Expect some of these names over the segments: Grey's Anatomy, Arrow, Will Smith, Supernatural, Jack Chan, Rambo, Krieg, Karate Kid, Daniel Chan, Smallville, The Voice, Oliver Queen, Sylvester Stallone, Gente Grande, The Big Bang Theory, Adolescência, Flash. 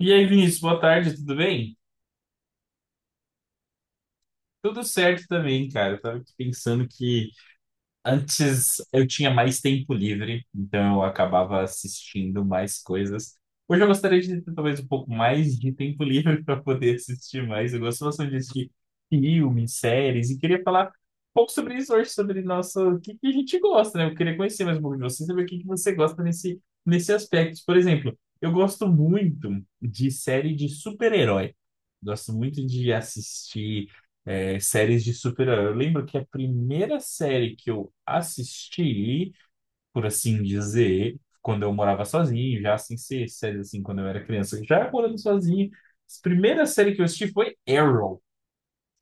E aí, Vinícius, boa tarde, tudo bem? Tudo certo também, cara. Eu tava aqui pensando que antes eu tinha mais tempo livre, então eu acabava assistindo mais coisas. Hoje eu gostaria de ter talvez um pouco mais de tempo livre para poder assistir mais. Eu gosto bastante de assistir filmes, séries, e queria falar um pouco sobre isso hoje, sobre nossa, o que que a gente gosta, né? Eu queria conhecer mais um pouco de você, saber o que que você gosta nesse aspecto. Por exemplo, eu gosto muito de série de super-herói. Gosto muito de assistir séries de super-herói. Eu lembro que a primeira série que eu assisti, por assim dizer, quando eu morava sozinho, já sem ser séries assim, quando eu era criança, já morando sozinho, a primeira série que eu assisti foi Arrow,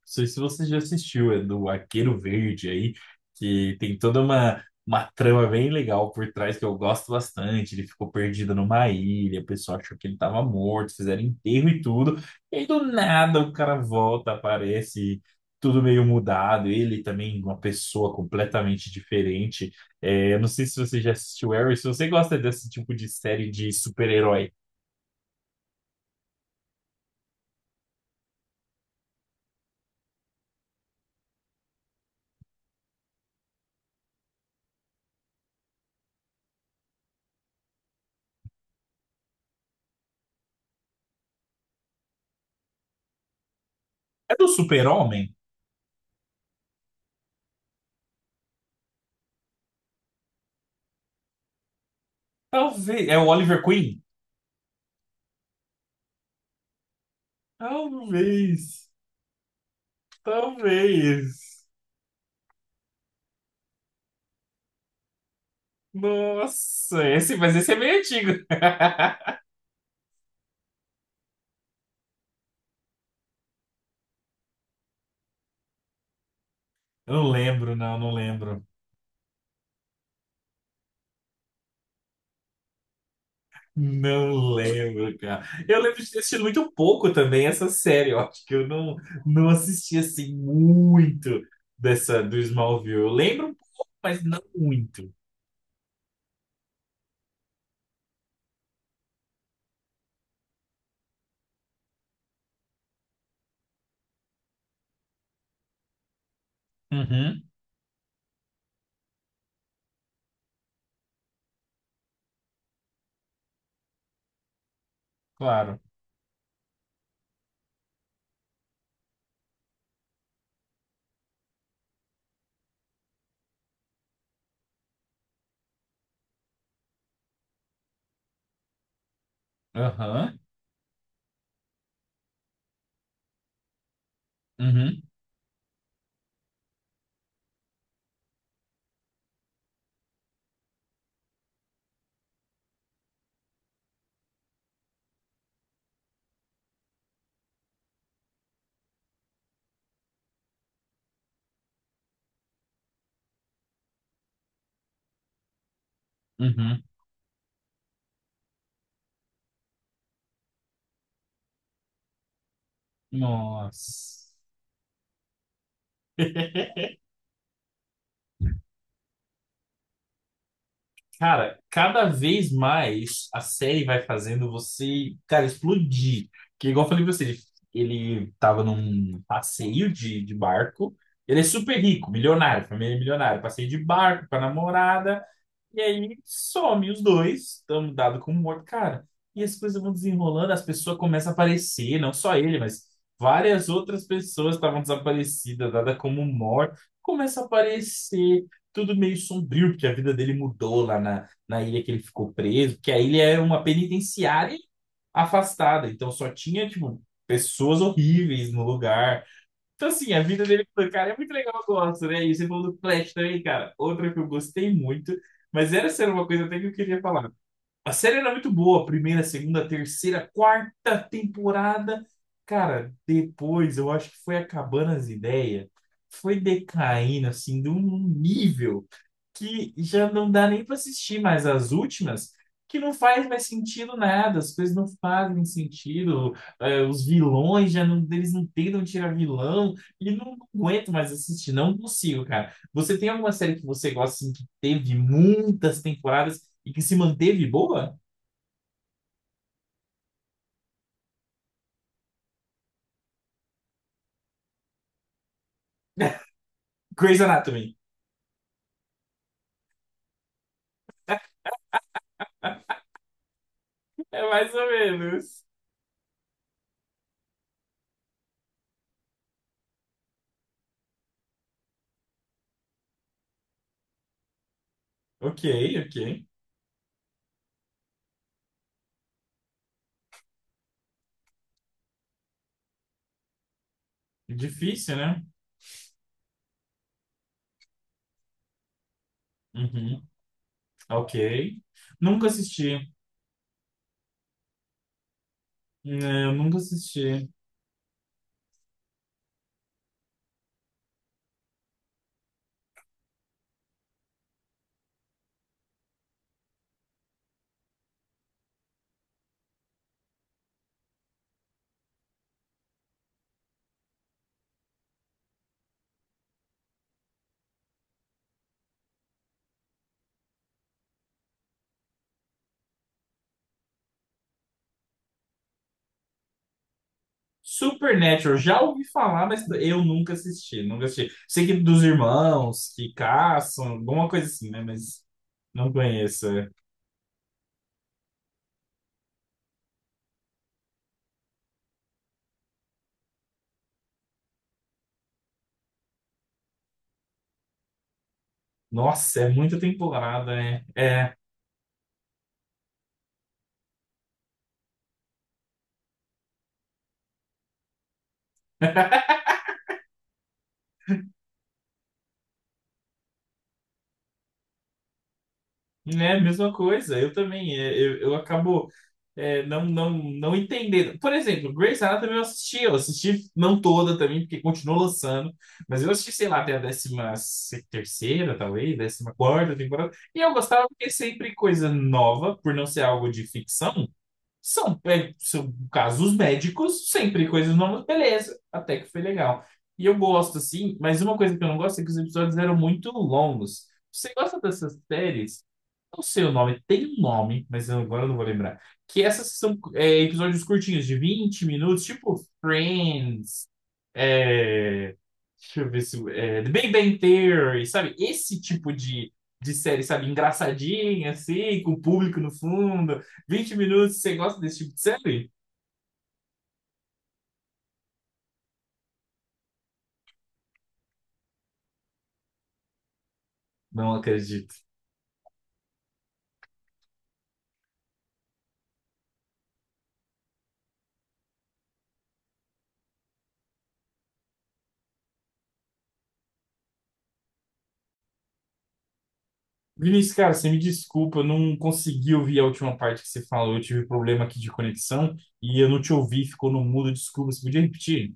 sei se você já assistiu, é do Arqueiro Verde aí, que tem toda uma trama bem legal por trás que eu gosto bastante. Ele ficou perdido numa ilha, o pessoal achou que ele estava morto, fizeram enterro e tudo. E aí do nada o cara volta, aparece tudo meio mudado. Ele também, uma pessoa completamente diferente. É, eu não sei se você já assistiu Arrow, se você gosta desse tipo de série de super-herói. É do Super-Homem? Talvez. É o Oliver Queen? Talvez. Talvez. Nossa, esse, mas esse é meio antigo. Não lembro, não, não lembro. Não lembro, cara. Eu lembro de ter assistido muito pouco também essa série. Eu acho que eu não, não assisti assim muito dessa do Smallville. Eu lembro um pouco, mas não muito. Uhum, claro. Aham, uhum, uhum, nossa. Cara, cada vez mais a série vai fazendo você, cara, explodir. Que igual eu falei pra você, ele tava num passeio de barco. Ele é super rico, milionário, família milionária. Passeio de barco com a namorada. E aí some os dois, estamos dado como morto, cara. E as coisas vão desenrolando, as pessoas começam a aparecer, não só ele, mas várias outras pessoas estavam desaparecidas, dada como morta, começa a aparecer, tudo meio sombrio, porque a vida dele mudou lá na ilha que ele ficou preso, que a ilha era uma penitenciária afastada, então só tinha, tipo, pessoas horríveis no lugar. Então, assim, a vida dele com o cara é muito legal, eu gosto, né? E você falou do Flash também, cara. Outra que eu gostei muito, mas era sério uma coisa até que eu queria falar. A série era muito boa, primeira, segunda, terceira, quarta temporada. Cara, depois eu acho que foi acabando as ideias, foi decaindo, assim, de um nível que já não dá nem para assistir mais as últimas, que não faz mais sentido nada, as coisas não fazem sentido, os vilões já não, eles não tentam tirar vilão, e não, não aguento mais assistir, não consigo, cara. Você tem alguma série que você gosta, assim, que teve muitas temporadas e que se manteve boa? Grey's Anatomy. É mais ou menos. Ok, ok. Difícil, né? Uhum. Ok. Nunca assisti. Não, eu nunca assisti. Supernatural, já ouvi falar, mas eu nunca assisti, nunca assisti. Sei que dos irmãos que caçam, alguma coisa assim, né? Mas não conheço. É. Nossa, é muita temporada, né? É, né? Mesma coisa, eu também. Eu acabo não, não entendendo. Por exemplo, Grey's Anatomy eu assisti não toda também, porque continua lançando, mas eu assisti, sei lá, até a 13ª, talvez, 14ª temporada, e eu gostava porque é sempre coisa nova, por não ser algo de ficção. São casos médicos, sempre coisas novas, beleza, até que foi legal. E eu gosto, assim, mas uma coisa que eu não gosto é que os episódios eram muito longos. Você gosta dessas séries, não sei o nome, tem um nome, mas eu agora não vou lembrar. Que essas são episódios curtinhos, de 20 minutos, tipo Friends, é, deixa eu ver se. É, The Big Bang Theory, sabe? Esse tipo de série, sabe? Engraçadinha, assim, com o público no fundo. 20 minutos, você gosta desse tipo de série? Não acredito. Vinícius, cara, você me desculpa, eu não consegui ouvir a última parte que você falou. Eu tive problema aqui de conexão e eu não te ouvi, ficou no mudo. Desculpa, você podia repetir?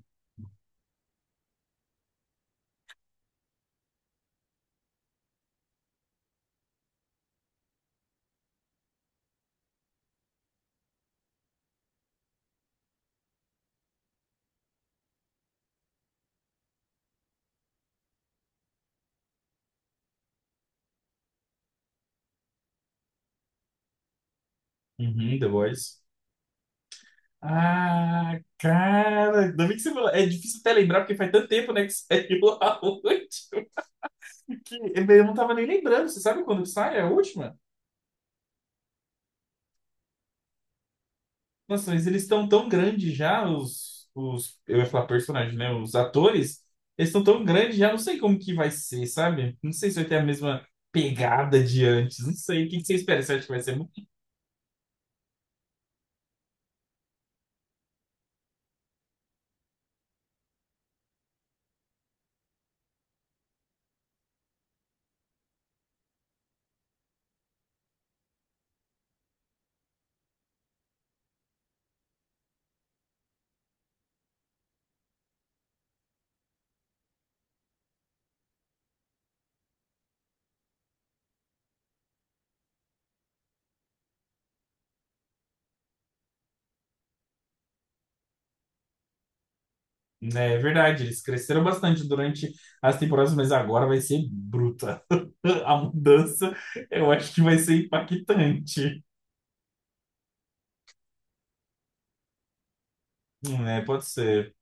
Uhum, The Voice. Ah, cara, ainda bem que você falou. É difícil até lembrar, porque faz tanto tempo, né, que saiu a última. Que eu não tava nem lembrando. Você sabe quando que sai a última? Nossa, mas eles estão tão grandes já, eu ia falar personagens, né? Os atores. Eles estão tão grandes já, não sei como que vai ser, sabe? Não sei se vai ter a mesma pegada de antes. Não sei. O que que você espera? Você acha que vai ser... É verdade, eles cresceram bastante durante as temporadas, mas agora vai ser bruta. A mudança, eu acho que vai ser impactante. É, pode ser.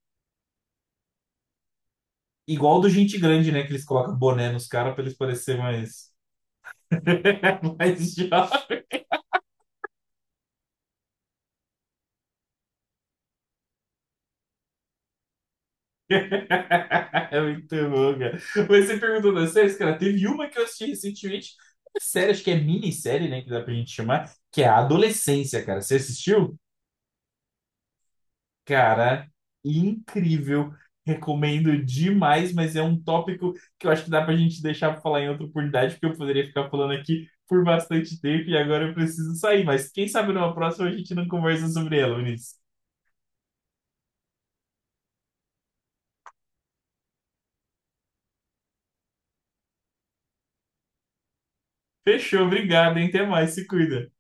Igual do Gente Grande, né? Que eles colocam boné nos caras pra eles parecerem mais. Mais jovens. É muito bom, cara. Mas você perguntou das séries, cara, teve uma que eu assisti recentemente, uma série, acho que é minissérie, né? Que dá pra gente chamar, que é a Adolescência, cara. Você assistiu? Cara, incrível. Recomendo demais, mas é um tópico que eu acho que dá pra gente deixar pra falar em outra oportunidade, porque eu poderia ficar falando aqui por bastante tempo e agora eu preciso sair. Mas quem sabe numa próxima a gente não conversa sobre ela, Vinícius. Fechou, obrigado, hein? Até mais, se cuida.